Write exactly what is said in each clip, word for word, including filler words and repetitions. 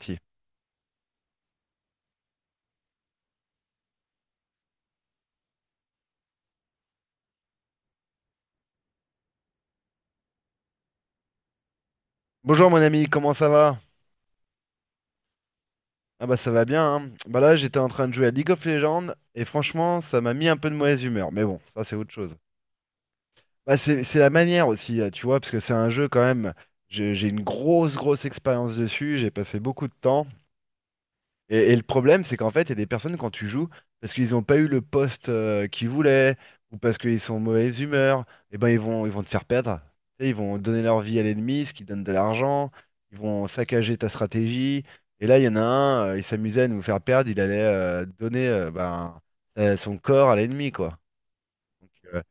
Si. Bonjour mon ami, comment ça va? Ah bah ça va bien, hein. Bah là j'étais en train de jouer à League of Legends et franchement ça m'a mis un peu de mauvaise humeur, mais bon, ça c'est autre chose. Bah c'est c'est la manière aussi, euh, tu vois, parce que c'est un jeu quand même, j'ai j'ai une grosse grosse expérience dessus, j'ai passé beaucoup de temps. Et, et le problème, c'est qu'en fait, il y a des personnes quand tu joues, parce qu'ils n'ont pas eu le poste euh, qu'ils voulaient, ou parce qu'ils sont en mauvaise humeur, et ben ils vont, ils vont te faire perdre. Tu sais, ils vont donner leur vie à l'ennemi, ce qui donne de l'argent, ils vont saccager ta stratégie. Et là, il y en a un, euh, il s'amusait à nous faire perdre, il allait euh, donner euh, ben, euh, son corps à l'ennemi, quoi. Donc, euh,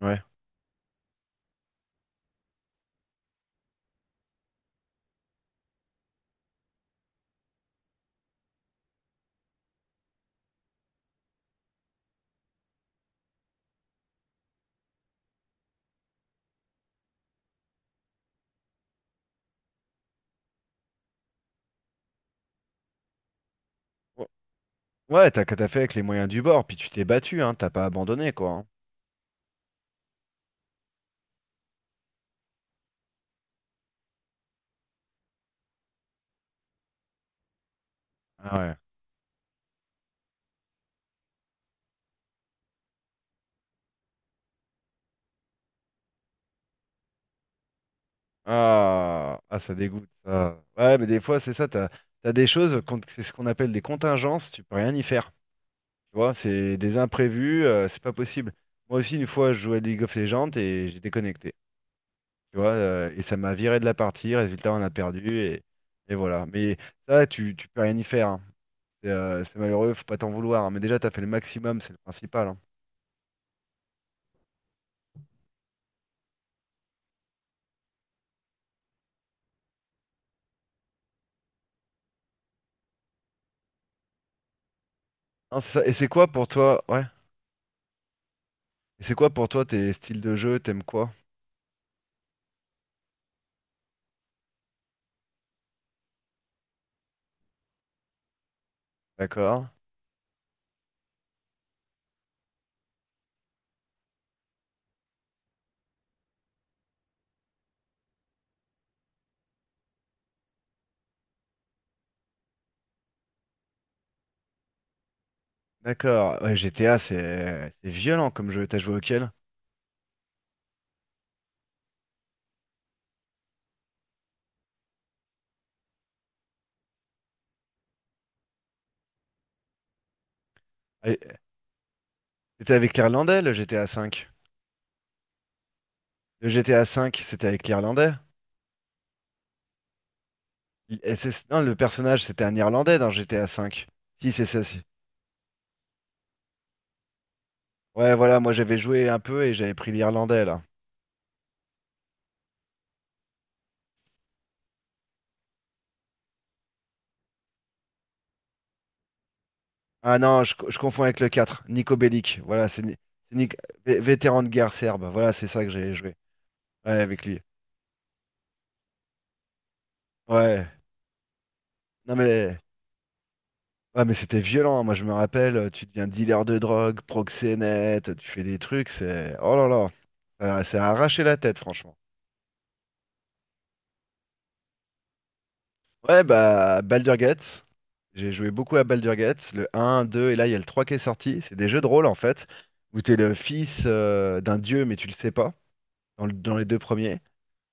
ouais. Ouais, t'as qu'à t'as fait avec les moyens du bord, puis tu t'es battu, hein, t'as pas abandonné, quoi, hein. Ah ouais. Ah, ah, ça dégoûte, ça. Ouais, mais des fois, c'est ça, t'as, t'as des choses, qu'on- c'est ce qu'on appelle des contingences, tu peux rien y faire. Tu vois, c'est des imprévus, euh, c'est pas possible. Moi aussi, une fois, je jouais à League of Legends et j'ai déconnecté. Tu vois, euh, et ça m'a viré de la partie, résultat, on a perdu, et, et voilà. Mais ça, tu, tu peux rien y faire, hein. C'est euh, c'est malheureux, faut pas t'en vouloir, hein. Mais déjà, t'as fait le maximum, c'est le principal, hein. Non, c'est ça. Et c'est quoi pour toi, ouais. Et c'est quoi pour toi tes styles de jeu, t'aimes quoi? D'accord. D'accord, ouais, G T A, c'est c'est violent comme jeu. T'as joué auquel? Ah, et- C'était avec l'Irlandais, le G T A cinq. Le G T A cinq, c'était avec l'Irlandais. Il- et c'est- Non, le personnage, c'était un Irlandais dans G T A cinq. Si, c'est ça, si. Ouais, voilà, moi j'avais joué un peu et j'avais pris l'Irlandais, là. Ah non, je, co- je confonds avec le quatre, Nico Bellic. Voilà, c'est Ni- c'est Nic- vé- vétéran de guerre serbe. Voilà, c'est ça que j'avais joué. Ouais, avec lui. Ouais. Non. mais... Ah mais c'était violent, hein. Moi je me rappelle, euh, tu deviens dealer de drogue, proxénète, tu fais des trucs. c'est... Oh là là, ça ça a arraché la tête, franchement. Ouais, bah, Baldur's Gate, j'ai joué beaucoup à Baldur's Gate, le un, deux et là, il y a le trois qui est sorti. C'est des jeux de rôle, en fait, où t'es le fils euh, d'un dieu, mais tu le sais pas, dans, le- dans les deux premiers.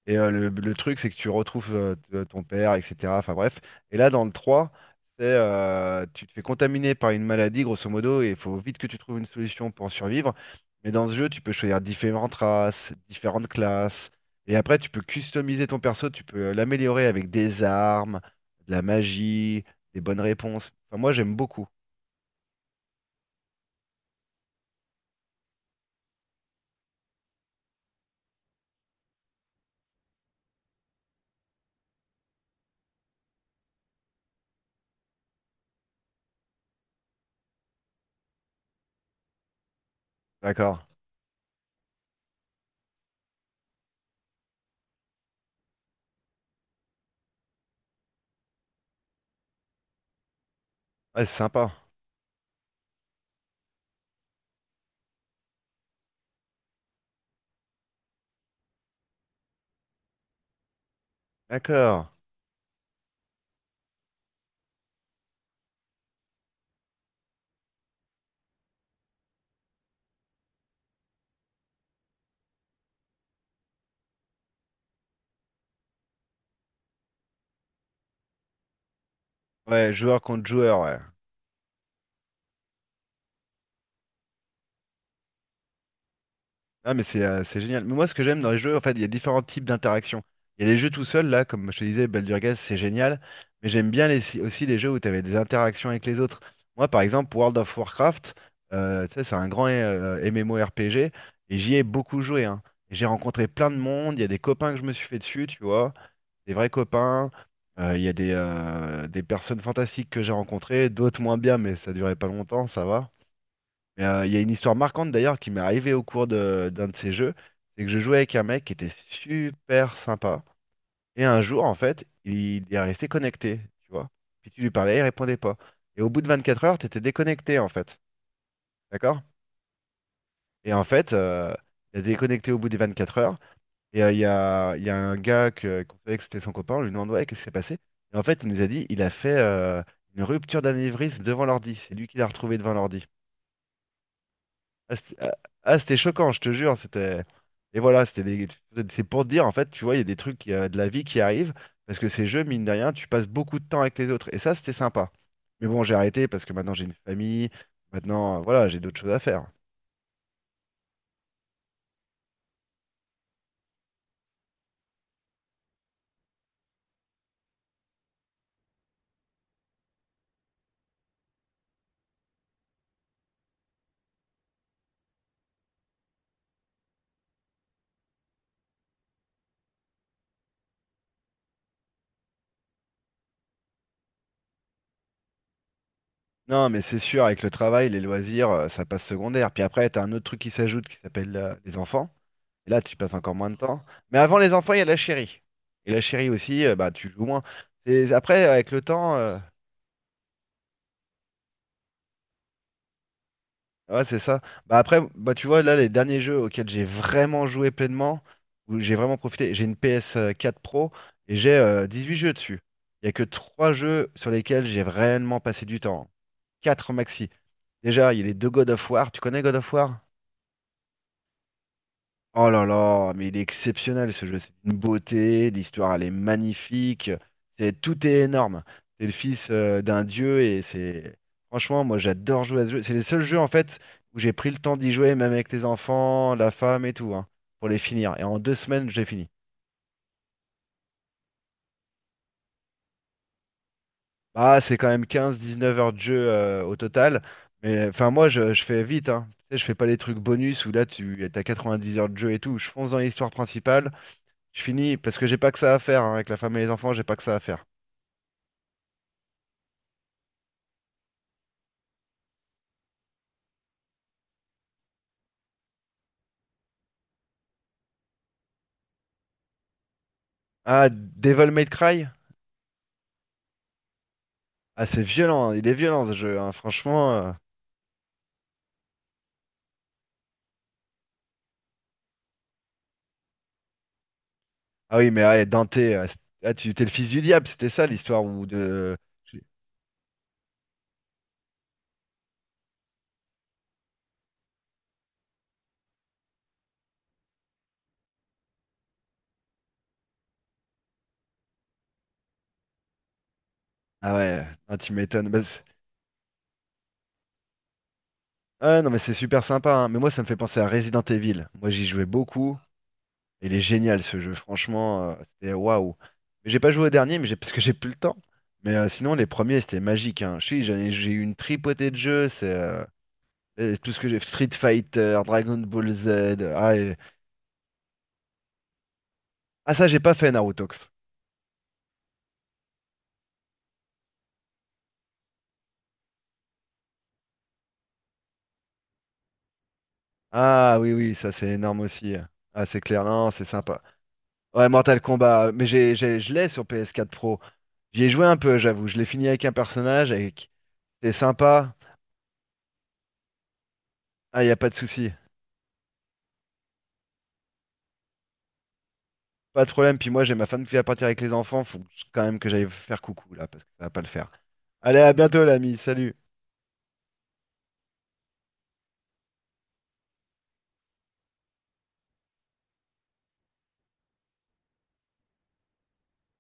Et euh, le, le truc, c'est que tu retrouves euh, t- ton père, et cetera. Enfin bref. Et là, dans le trois, c'est euh, tu te fais contaminer par une maladie, grosso modo, et il faut vite que tu trouves une solution pour survivre. Mais dans ce jeu, tu peux choisir différentes races, différentes classes. Et après, tu peux customiser ton perso, tu peux l'améliorer avec des armes, de la magie, des bonnes réponses. Enfin, moi, j'aime beaucoup. D'accord. Ouais, c'est sympa. D'accord. Ouais, joueur contre joueur, ouais. Ah mais c'est euh, c'est génial. Mais moi ce que j'aime dans les jeux, en fait, il y a différents types d'interactions. Il y a les jeux tout seuls, là, comme je te disais, Baldur's Gate, c'est génial. Mais j'aime bien les- si, aussi les jeux où tu avais des interactions avec les autres. Moi par exemple, World of Warcraft, euh, tu sais, c'est un grand euh, M M O R P G et j'y ai beaucoup joué, hein. Et j'ai rencontré plein de monde, il y a des copains que je me suis fait dessus, tu vois, des vrais copains. Euh, Il y a des, euh, des personnes fantastiques que j'ai rencontrées, d'autres moins bien, mais ça durait pas longtemps, ça va. Mais euh, il y a une histoire marquante d'ailleurs qui m'est arrivée au cours de- d'un de ces jeux, c'est que je jouais avec un mec qui était super sympa. Et un jour, en fait, il est resté connecté, tu vois. Puis tu lui parlais, il répondait pas. Et au bout de vingt-quatre heures, t'étais déconnecté, en fait. D'accord? Et en fait, euh, il a déconnecté au bout des vingt-quatre heures. Et euh, il y a, il y a un gars que, qu'on savait que c'était son copain, on lui demande, ouais, qu'est-ce qui s'est passé? Et en fait, il nous a dit, il a fait euh, une rupture d'anévrisme devant l'ordi. C'est lui qui l'a retrouvé devant l'ordi. Ah, c'était ah, ah, c'était choquant, je te jure. C'était... Et voilà, c'était des- c'est pour te dire, en fait, tu vois, il y a des trucs euh, de la vie qui arrivent, parce que ces jeux, mine de rien, tu passes beaucoup de temps avec les autres. Et ça, c'était sympa. Mais bon, j'ai arrêté parce que maintenant j'ai une famille, maintenant, euh, voilà, j'ai d'autres choses à faire. Non, mais c'est sûr, avec le travail, les loisirs, euh, ça passe secondaire. Puis après, t'as un autre truc qui s'ajoute qui s'appelle euh, les enfants. Et là, tu passes encore moins de temps. Mais avant les enfants, il y a la chérie. Et la chérie aussi, euh, bah, tu joues moins. Et après, avec le temps. euh, Ouais, c'est ça. Bah après, bah tu vois, là, les derniers jeux auxquels j'ai vraiment joué pleinement, où j'ai vraiment profité, j'ai une P S quatre Pro et j'ai euh, huit jeux dessus. Il n'y a que trois jeux sur lesquels j'ai réellement passé du temps. Quatre maxi. Déjà, il y a les deux God of War. Tu connais God of War? Oh là là, mais il est exceptionnel ce jeu, c'est une beauté, l'histoire elle est magnifique, c'est, tout est énorme. C'est le fils euh, d'un dieu. et c'est... Franchement, moi j'adore jouer à ce jeu. C'est les seuls jeux en fait où j'ai pris le temps d'y jouer, même avec les enfants, la femme et tout, hein, pour les finir. Et en deux semaines, j'ai fini. Bah, c'est quand même quinze dix-neuf heures de jeu euh, au total. Mais enfin, moi je, je fais vite, hein. Tu sais, je fais pas les trucs bonus où là tu as dix heures de jeu et tout. Je fonce dans l'histoire principale. Je finis parce que j'ai pas que ça à faire, hein, avec la femme et les enfants, j'ai pas que ça à faire. Ah, Devil May Cry? Ah, c'est violent, hein, il est violent ce jeu, hein, franchement. euh. Ah oui, mais ah, Dante, ah, c'est- ah, tu t'es le fils du diable, c'était ça l'histoire où de. Ah ouais, ah, tu m'étonnes. Bah, c'est- ah non, mais c'est super sympa, hein. Mais moi ça me fait penser à Resident Evil. Moi j'y jouais beaucoup, et il est génial ce jeu, franchement, euh, c'était waouh. Mais j'ai pas joué au dernier, mais j'ai parce que j'ai plus le temps. Mais euh, sinon les premiers c'était magique, hein. Je sais, j'en ai- j'ai eu une tripotée de jeux. C'est. Euh, Et tout ce que j'ai Street Fighter, Dragon Ball Z. Ah, et- ah, ça, j'ai pas fait Narutox. Ah oui, oui, ça c'est énorme aussi. Ah, c'est clair, non, c'est sympa. Ouais, Mortal Kombat, mais j'ai, j'ai- je l'ai sur P S quatre Pro. J'y ai joué un peu, j'avoue. Je l'ai fini avec un personnage. avec... c'est sympa. Ah, y a pas de souci. Pas de problème. Puis moi, j'ai ma femme qui va partir avec les enfants. Faut que je- quand même que j'aille faire coucou là, parce que ça va pas le faire. Allez, à bientôt, l'ami. Salut.